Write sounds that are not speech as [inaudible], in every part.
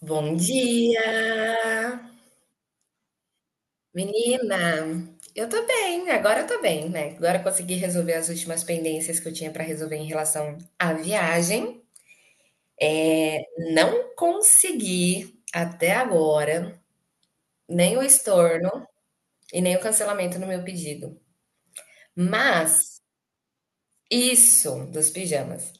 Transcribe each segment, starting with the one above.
Bom dia, menina. Eu tô bem, agora eu tô bem, né? Agora eu consegui resolver as últimas pendências que eu tinha pra resolver em relação à viagem. Não consegui até agora nem o estorno e nem o cancelamento no meu pedido. Mas isso dos pijamas.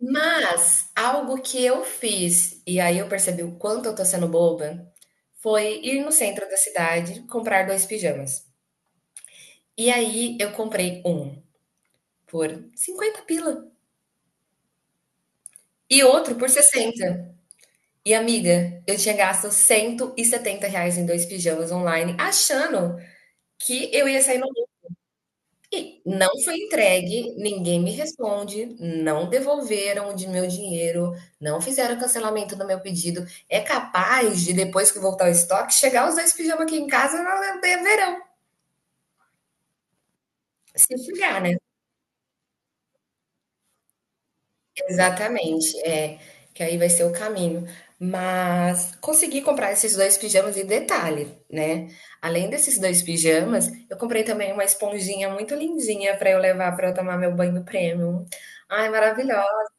Mas algo que eu fiz e aí eu percebi o quanto eu tô sendo boba foi ir no centro da cidade comprar dois pijamas. E aí eu comprei um por 50 pila e outro por 60. E, amiga, eu tinha gasto 170 reais em dois pijamas online, achando que eu ia sair no lucro. E não foi entregue, ninguém me responde, não devolveram o de meu dinheiro, não fizeram cancelamento do meu pedido. É capaz de, depois que voltar o estoque, chegar os dois pijamas aqui em casa no verão. Se chegar, né? Exatamente, é, que aí vai ser o caminho. Mas consegui comprar esses 2 pijamas e detalhe, né, além desses 2 pijamas, eu comprei também uma esponjinha muito lindinha para eu levar para eu tomar meu banho premium. Ai, maravilhosa,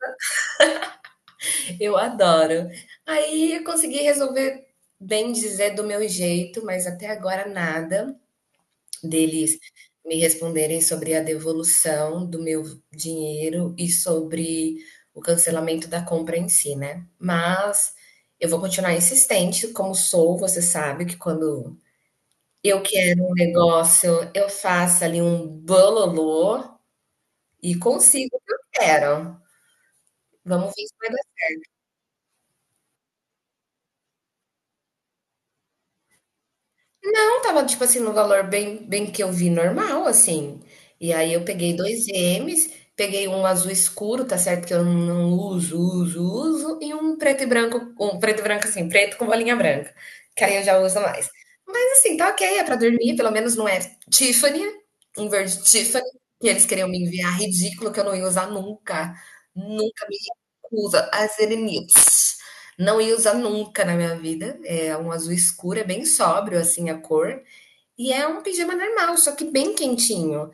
eu adoro. Aí eu consegui resolver, bem dizer, do meu jeito, mas até agora nada deles me responderem sobre a devolução do meu dinheiro e sobre o cancelamento da compra em si, né. Mas eu vou continuar insistente, como sou. Você sabe que, quando eu quero um negócio, eu faço ali um bololô e consigo o que eu quero. Vamos ver se vai. Não estava, tipo assim, no valor bem bem que eu vi normal, assim. E aí eu peguei 2 gemes, peguei um azul escuro, tá certo que eu não uso, uso, uso, e um preto e branco, um preto e branco assim, preto com bolinha branca, que aí eu já uso mais. Mas assim, tá ok, é pra dormir, pelo menos não é Tiffany, um verde Tiffany, que eles queriam me enviar, ridículo, que eu não ia usar nunca. Nunca me recusa a serenites. Não ia usar nunca na minha vida. É um azul escuro, é bem sóbrio assim a cor. E é um pijama normal, só que bem quentinho.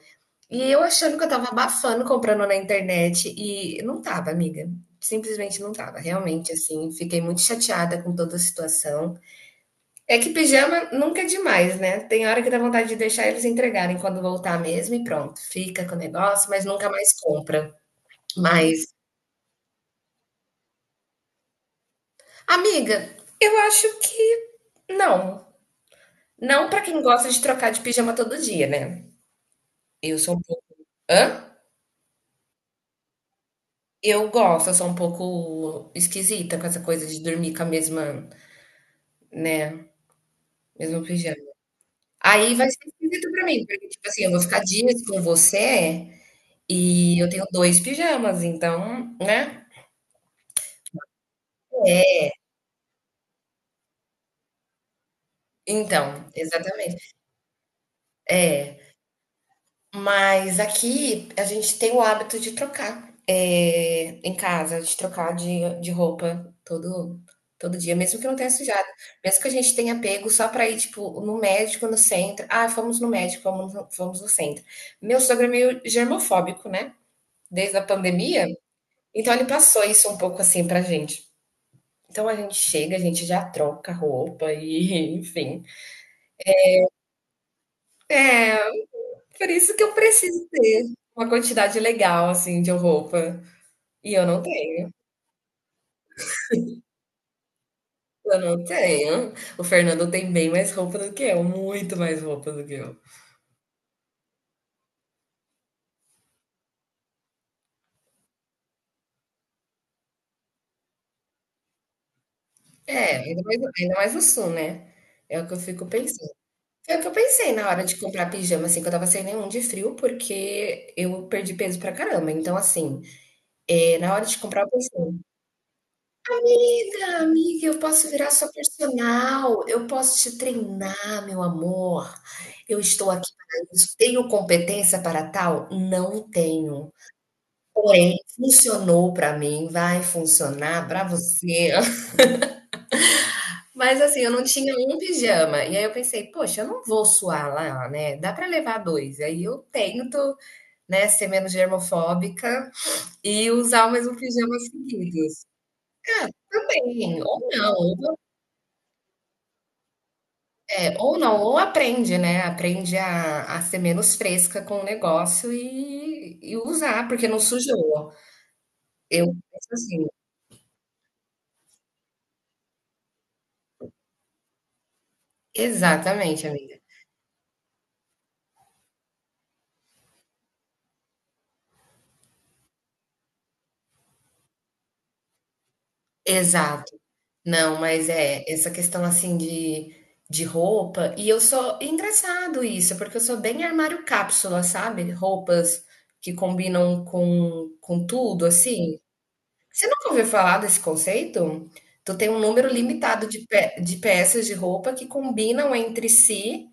E eu achando que eu tava abafando comprando na internet e não tava, amiga. Simplesmente não tava. Realmente, assim, fiquei muito chateada com toda a situação. É que pijama nunca é demais, né? Tem hora que dá vontade de deixar eles entregarem quando voltar mesmo e pronto. Fica com o negócio, mas nunca mais compra. Mas, amiga, eu acho que não. Não pra quem gosta de trocar de pijama todo dia, né? Eu sou um pouco. Hã? Eu gosto, eu sou um pouco esquisita com essa coisa de dormir com a mesma, né, mesmo pijama. Aí vai ser esquisito pra mim, porque, tipo assim, eu vou ficar dias com você e eu tenho 2 pijamas, então, né? Então, exatamente. Mas aqui a gente tem o hábito de trocar em casa, de trocar de roupa todo dia, mesmo que não tenha sujado. Mesmo que a gente tenha pego só para ir, tipo, no médico, no centro. Ah, fomos no médico, fomos no centro. Meu sogro é meio germofóbico, né? Desde a pandemia. Então ele passou isso um pouco assim pra gente. Então a gente chega, a gente já troca roupa e, [laughs] enfim. É, por isso que eu preciso ter uma quantidade legal, assim, de roupa. E eu não tenho, eu não tenho. O Fernando tem bem mais roupa do que eu, muito mais roupa do que eu. É, ainda mais no sul, né. É o que eu fico pensando. Foi o que eu pensei na hora de comprar pijama, assim, que eu tava sem nenhum de frio, porque eu perdi peso pra caramba. Então, assim, na hora de comprar eu pensei: "Amiga, amiga, eu posso virar sua personal, eu posso te treinar, meu amor. Eu estou aqui para isso. Tenho competência para tal? Não tenho. Porém, funcionou pra mim, vai funcionar pra você." [laughs] Mas assim, eu não tinha um pijama. E aí eu pensei: "Poxa, eu não vou suar lá, né, dá pra levar dois." Aí eu tento, né, ser menos germofóbica e usar o mesmo pijama seguidos. Também, ou não, ou ou não, ou aprende, né, aprende a ser menos fresca com o negócio e usar, porque não sujou. Eu penso assim. Exatamente, amiga. Exato. Não, mas é, essa questão assim de roupa, e eu sou, engraçado isso, porque eu sou bem armário cápsula, sabe? Roupas que combinam com tudo, assim. Você nunca ouviu falar desse conceito? Tu tem um número limitado de, de peças de roupa que combinam entre si,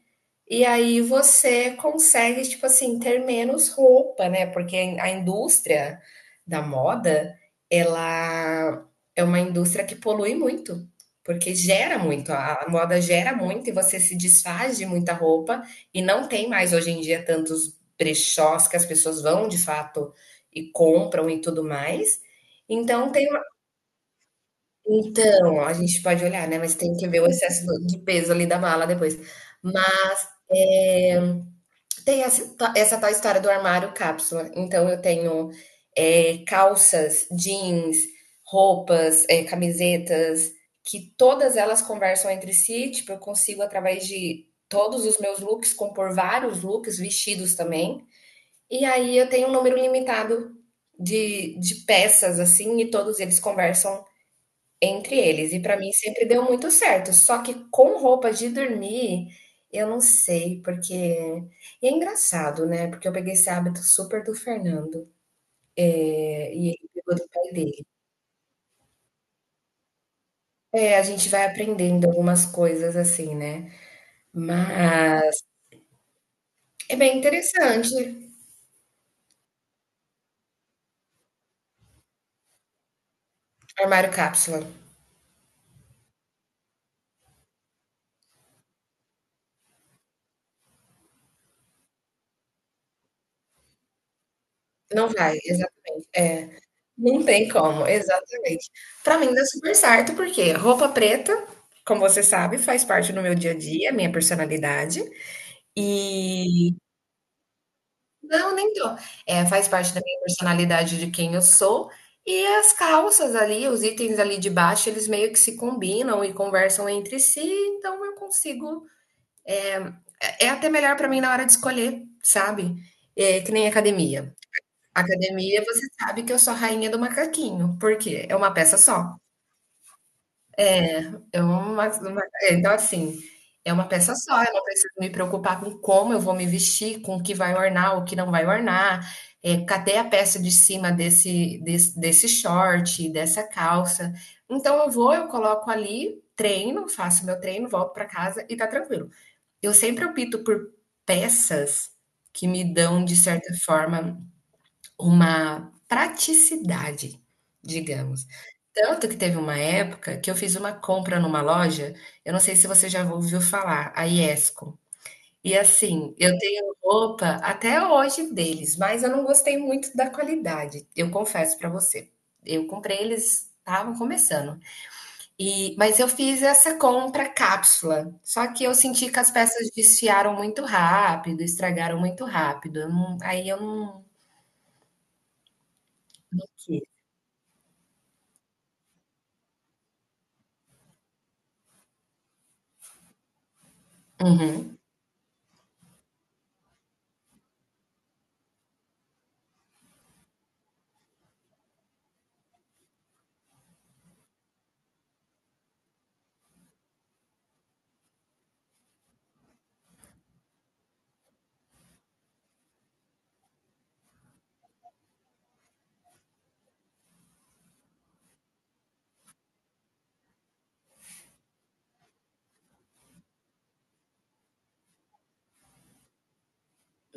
e aí você consegue, tipo assim, ter menos roupa, né? Porque a indústria da moda, ela é uma indústria que polui muito, porque gera muito, a moda gera muito e você se desfaz de muita roupa e não tem mais hoje em dia tantos brechós que as pessoas vão de fato e compram e tudo mais. Então tem uma então, a gente pode olhar, né, mas tem que ver o excesso do de peso ali da mala depois. Mas, tem essa tal história do armário cápsula, então eu tenho, calças, jeans, roupas, camisetas, que todas elas conversam entre si, tipo, eu consigo através de todos os meus looks compor vários looks, vestidos também, e aí eu tenho um número limitado de peças, assim, e todos eles conversam entre eles, e para mim sempre deu muito certo, só que com roupa de dormir, eu não sei, porque e é engraçado, né, porque eu peguei esse hábito super do Fernando, e ele pegou do pai dele. É, a gente vai aprendendo algumas coisas assim, né, mas é bem interessante, armário cápsula. Não vai, exatamente, é, não tem como, exatamente. Para mim dá super certo, porque roupa preta, como você sabe, faz parte do meu dia a dia, minha personalidade. E não, nem tô. É faz parte da minha personalidade de quem eu sou, e as calças ali, os itens ali de baixo, eles meio que se combinam e conversam entre si, então eu consigo é até melhor para mim na hora de escolher, sabe. Que nem academia. Academia, você sabe que eu sou a rainha do macaquinho, porque é uma peça só. É uma é, então assim, é uma peça só, eu não preciso me preocupar com como eu vou me vestir, com o que vai ornar, o que não vai ornar, cadê a peça de cima desse short, dessa calça. Então eu vou, eu coloco ali, treino, faço meu treino, volto para casa e tá tranquilo. Eu sempre opto por peças que me dão, de certa forma, uma praticidade, digamos. Tanto que teve uma época que eu fiz uma compra numa loja, eu não sei se você já ouviu falar, a Iesco. E assim, eu tenho roupa até hoje deles, mas eu não gostei muito da qualidade, eu confesso pra você. Eu comprei, eles estavam começando. E mas eu fiz essa compra cápsula, só que eu senti que as peças desfiaram muito rápido, estragaram muito rápido, eu não aí eu não quis. Uhum.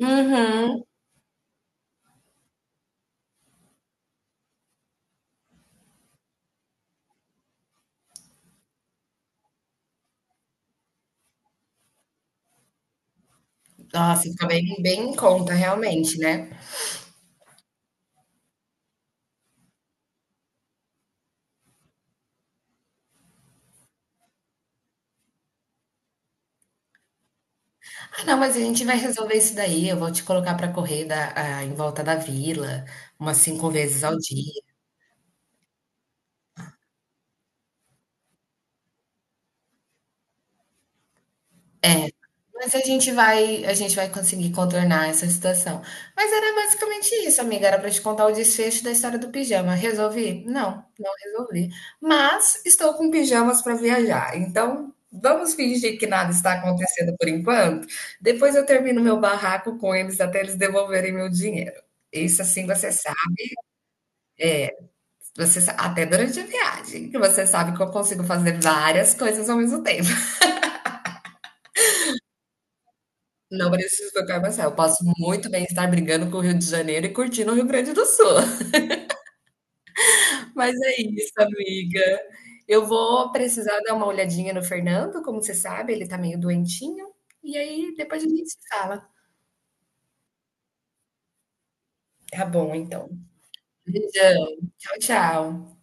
Uhum. Nossa, fica bem bem em conta realmente, né. "Ah, não, mas a gente vai resolver isso daí, eu vou te colocar para correr da ah, em volta da vila umas 5 vezes ao dia." Mas a gente vai conseguir contornar essa situação. Mas era basicamente isso, amiga. Era para te contar o desfecho da história do pijama. Resolvi? Não, não resolvi. Mas estou com pijamas para viajar. Então, vamos fingir que nada está acontecendo por enquanto. Depois eu termino meu barraco com eles até eles devolverem meu dinheiro. Isso, assim, você sabe, até durante a viagem, que você sabe que eu consigo fazer várias coisas ao mesmo tempo. Não preciso trocar passar. Eu posso muito bem estar brigando com o Rio de Janeiro e curtindo o Rio Grande do Sul. [laughs] Mas é isso, amiga. Eu vou precisar dar uma olhadinha no Fernando, como você sabe, ele tá meio doentinho. E aí depois a gente se fala. Tá bom, então. Beijão. Tchau, tchau.